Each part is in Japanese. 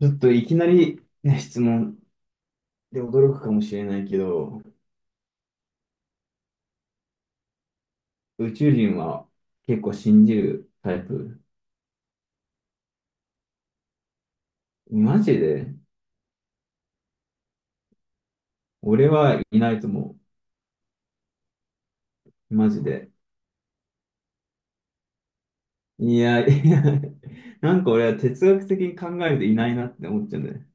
ちょっといきなり、ね、質問で驚くかもしれないけど、宇宙人は結構信じるタイプ。マジで俺はいないと思う。マジで。いや、いや、なんか俺は哲学的に考えるといないなって思っちゃうんだよね。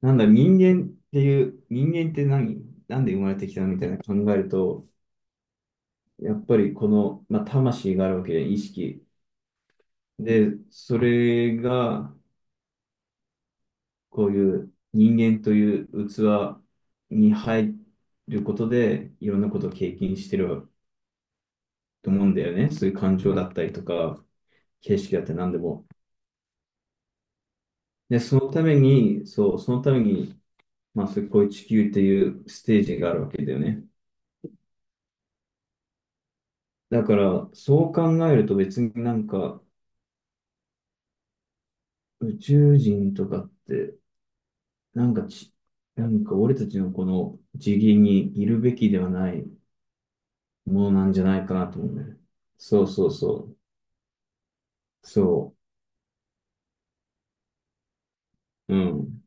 なんだ、人間っていう、人間って何なんで生まれてきたのみたいな考えると、やっぱりこの、まあ、魂があるわけで、意識。で、それが、こういう人間という器に入ることで、いろんなことを経験してると思うんだよね。そういう感情だったりとか、景色だったり何でも。で、そのために、そう、そのために、まあ、そういうこういう地球っていうステージがあるわけだよね。だから、そう考えると別になんか、宇宙人とかって、なんかち、なんか俺たちのこの次元にいるべきではないものなんじゃないかなと思うんだよね。そうそうそう。そう。うん。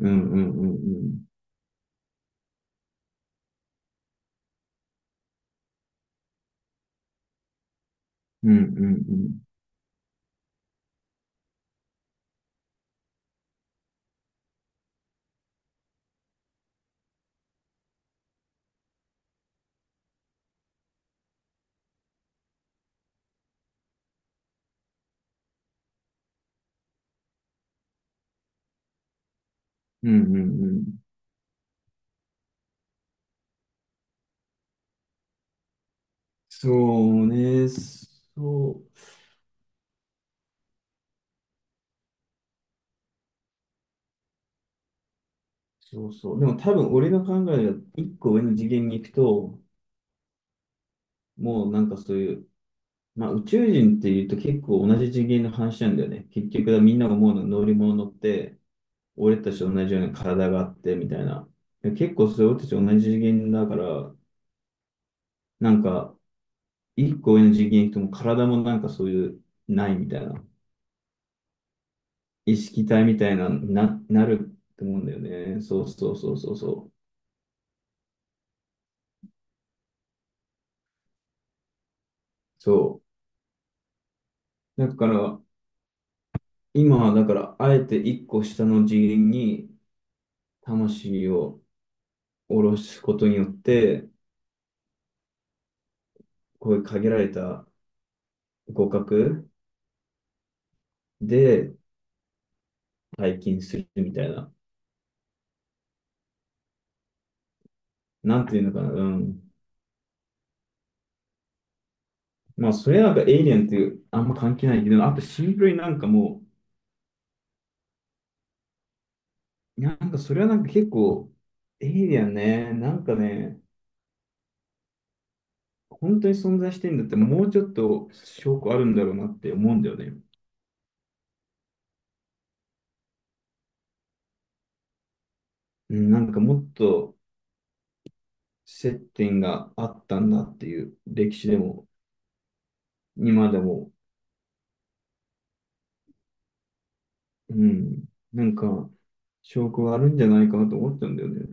うん、うん、うん、うん。うん、うん、うん。うん、うん、うん。そうね。そう。そうそう。でも多分俺の考えが一個上の次元に行くと、もうなんかそういう、まあ宇宙人っていうと結構同じ次元の話なんだよね。結局はみんなが思うのは乗り物乗って、俺たちと同じような体があってみたいな。で結構それ俺たち同じ次元だから、なんか一個上の次元行くともう体もなんかそういう、ないみたいな。意識体みたいな、なると思うんだよね。そうそうそうそうそう。そう。だから、今はだから、あえて一個下の次元に魂を下ろすことによって、こういう限られた互角で体験するみたいな。なんていうのかな。うん。まあ、それはなんかエイリアンっていうあんま関係ないけど、あとシンプルになんかもう、なんかそれはなんか結構、エイリアンね、なんかね、本当に存在してんだって、もうちょっと証拠あるんだろうなって思うんだよね。うん、なんかもっと接点があったんだっていう歴史でも、今でも、うん、なんか証拠があるんじゃないかなと思っちゃうんだよね。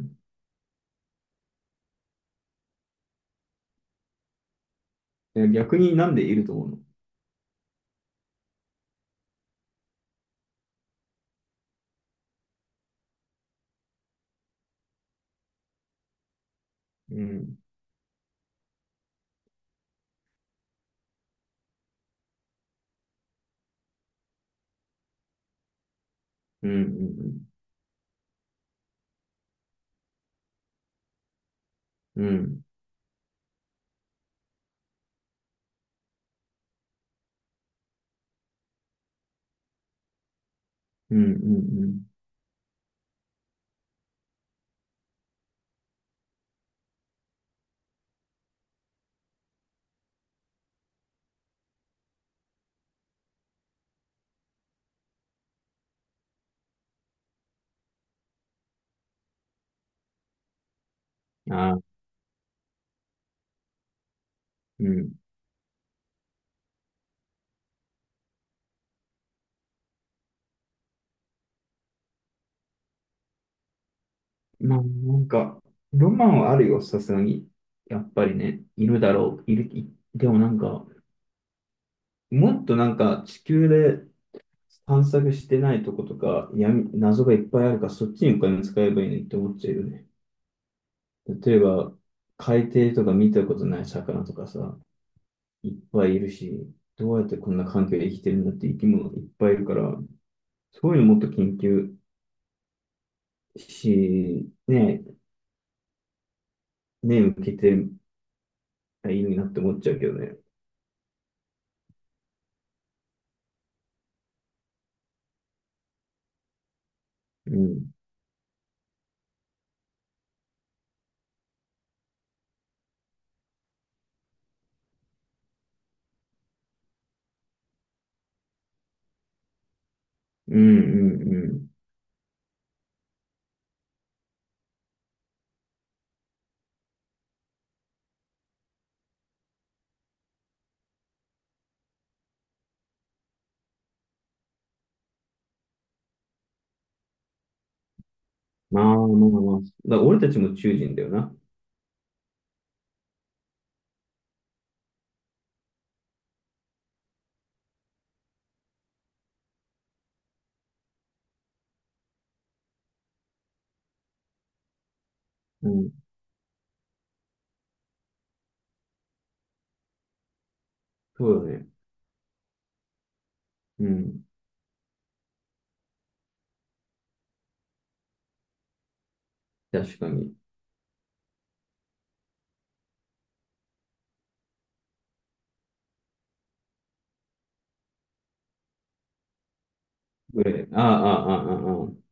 いや逆になんでいると思うの？うん、うん、うん、うん、うん、うん、うんああうん。まあ、なんか、ロマンはあるよ、さすがに。やっぱりね、いるだろう、いる、いでもなんか、もっとなんか地球で探索してないとことか、闇、謎がいっぱいあるから、そっちにお金使えばいいのにって思っちゃうよね。例えば、海底とか見たことない魚とかさ、いっぱいいるし、どうやってこんな環境で生きてるんだって生き物いっぱいいるから、そういうのもっと研究し、目向けてりゃいいのになって思っちゃうけどね。うん。うん、うん、うん。まあまあまあ。だから俺たちも宇宙人だよな。うん。そうだね。うん。確かに。ああ、ああ、ああ、ああ。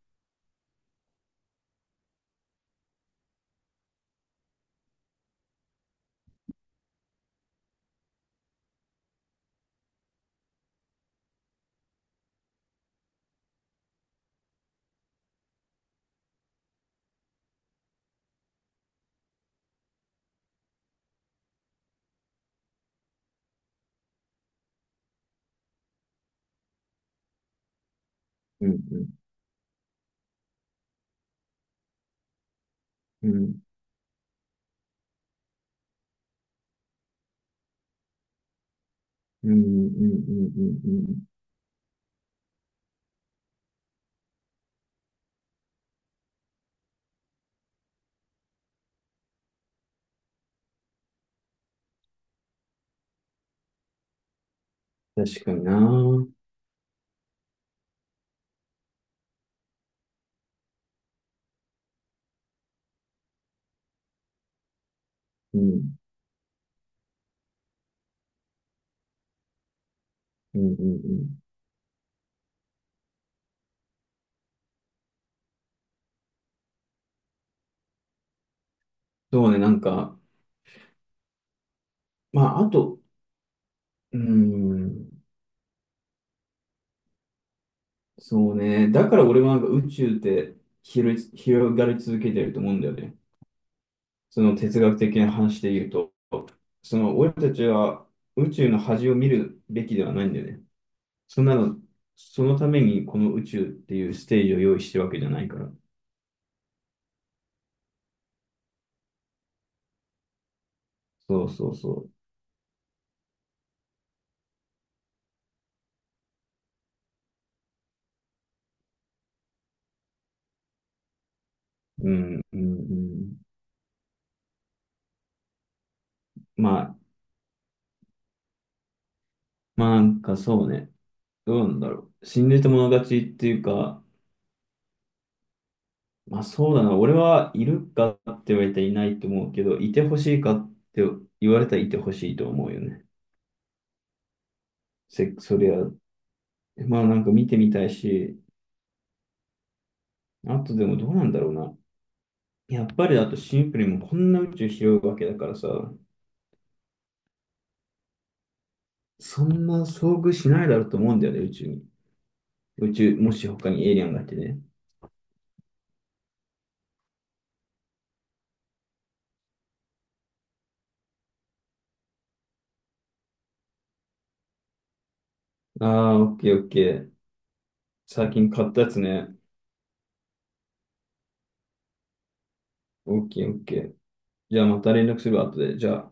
うん、うん、うん、うん、うん、うん、うん、うん。確かにな。うん、うん、うん、うん。そうね、なんか、まあ、あと、うん、そうね。だから俺はなんか宇宙って広い、広がり続けてると思うんだよね。その哲学的な話で言うと、その俺たちは宇宙の端を見るべきではないんだよね。そんなの、そのためにこの宇宙っていうステージを用意してるわけじゃないから。そうそうそう。うん、うん、うん。まあ、まあなんかそうね、どうなんだろう。死んでてもの勝ちっていうか、まあそうだな、俺はいるかって言われたらいないと思うけど、いてほしいかって言われたらいてほしいと思うよね。そりゃ、まあなんか見てみたいし、あとでもどうなんだろうな。やっぱりあとシンプルにもうこんな宇宙広いわけだからさ、そんな遭遇しないだろうと思うんだよね、宇宙に。宇宙、もし他にエイリアンがいてね。ああ、オッケーオッケー。最近買ったやつね。オッケーオッケー。じゃあまた連絡するわ、後で。じゃあ。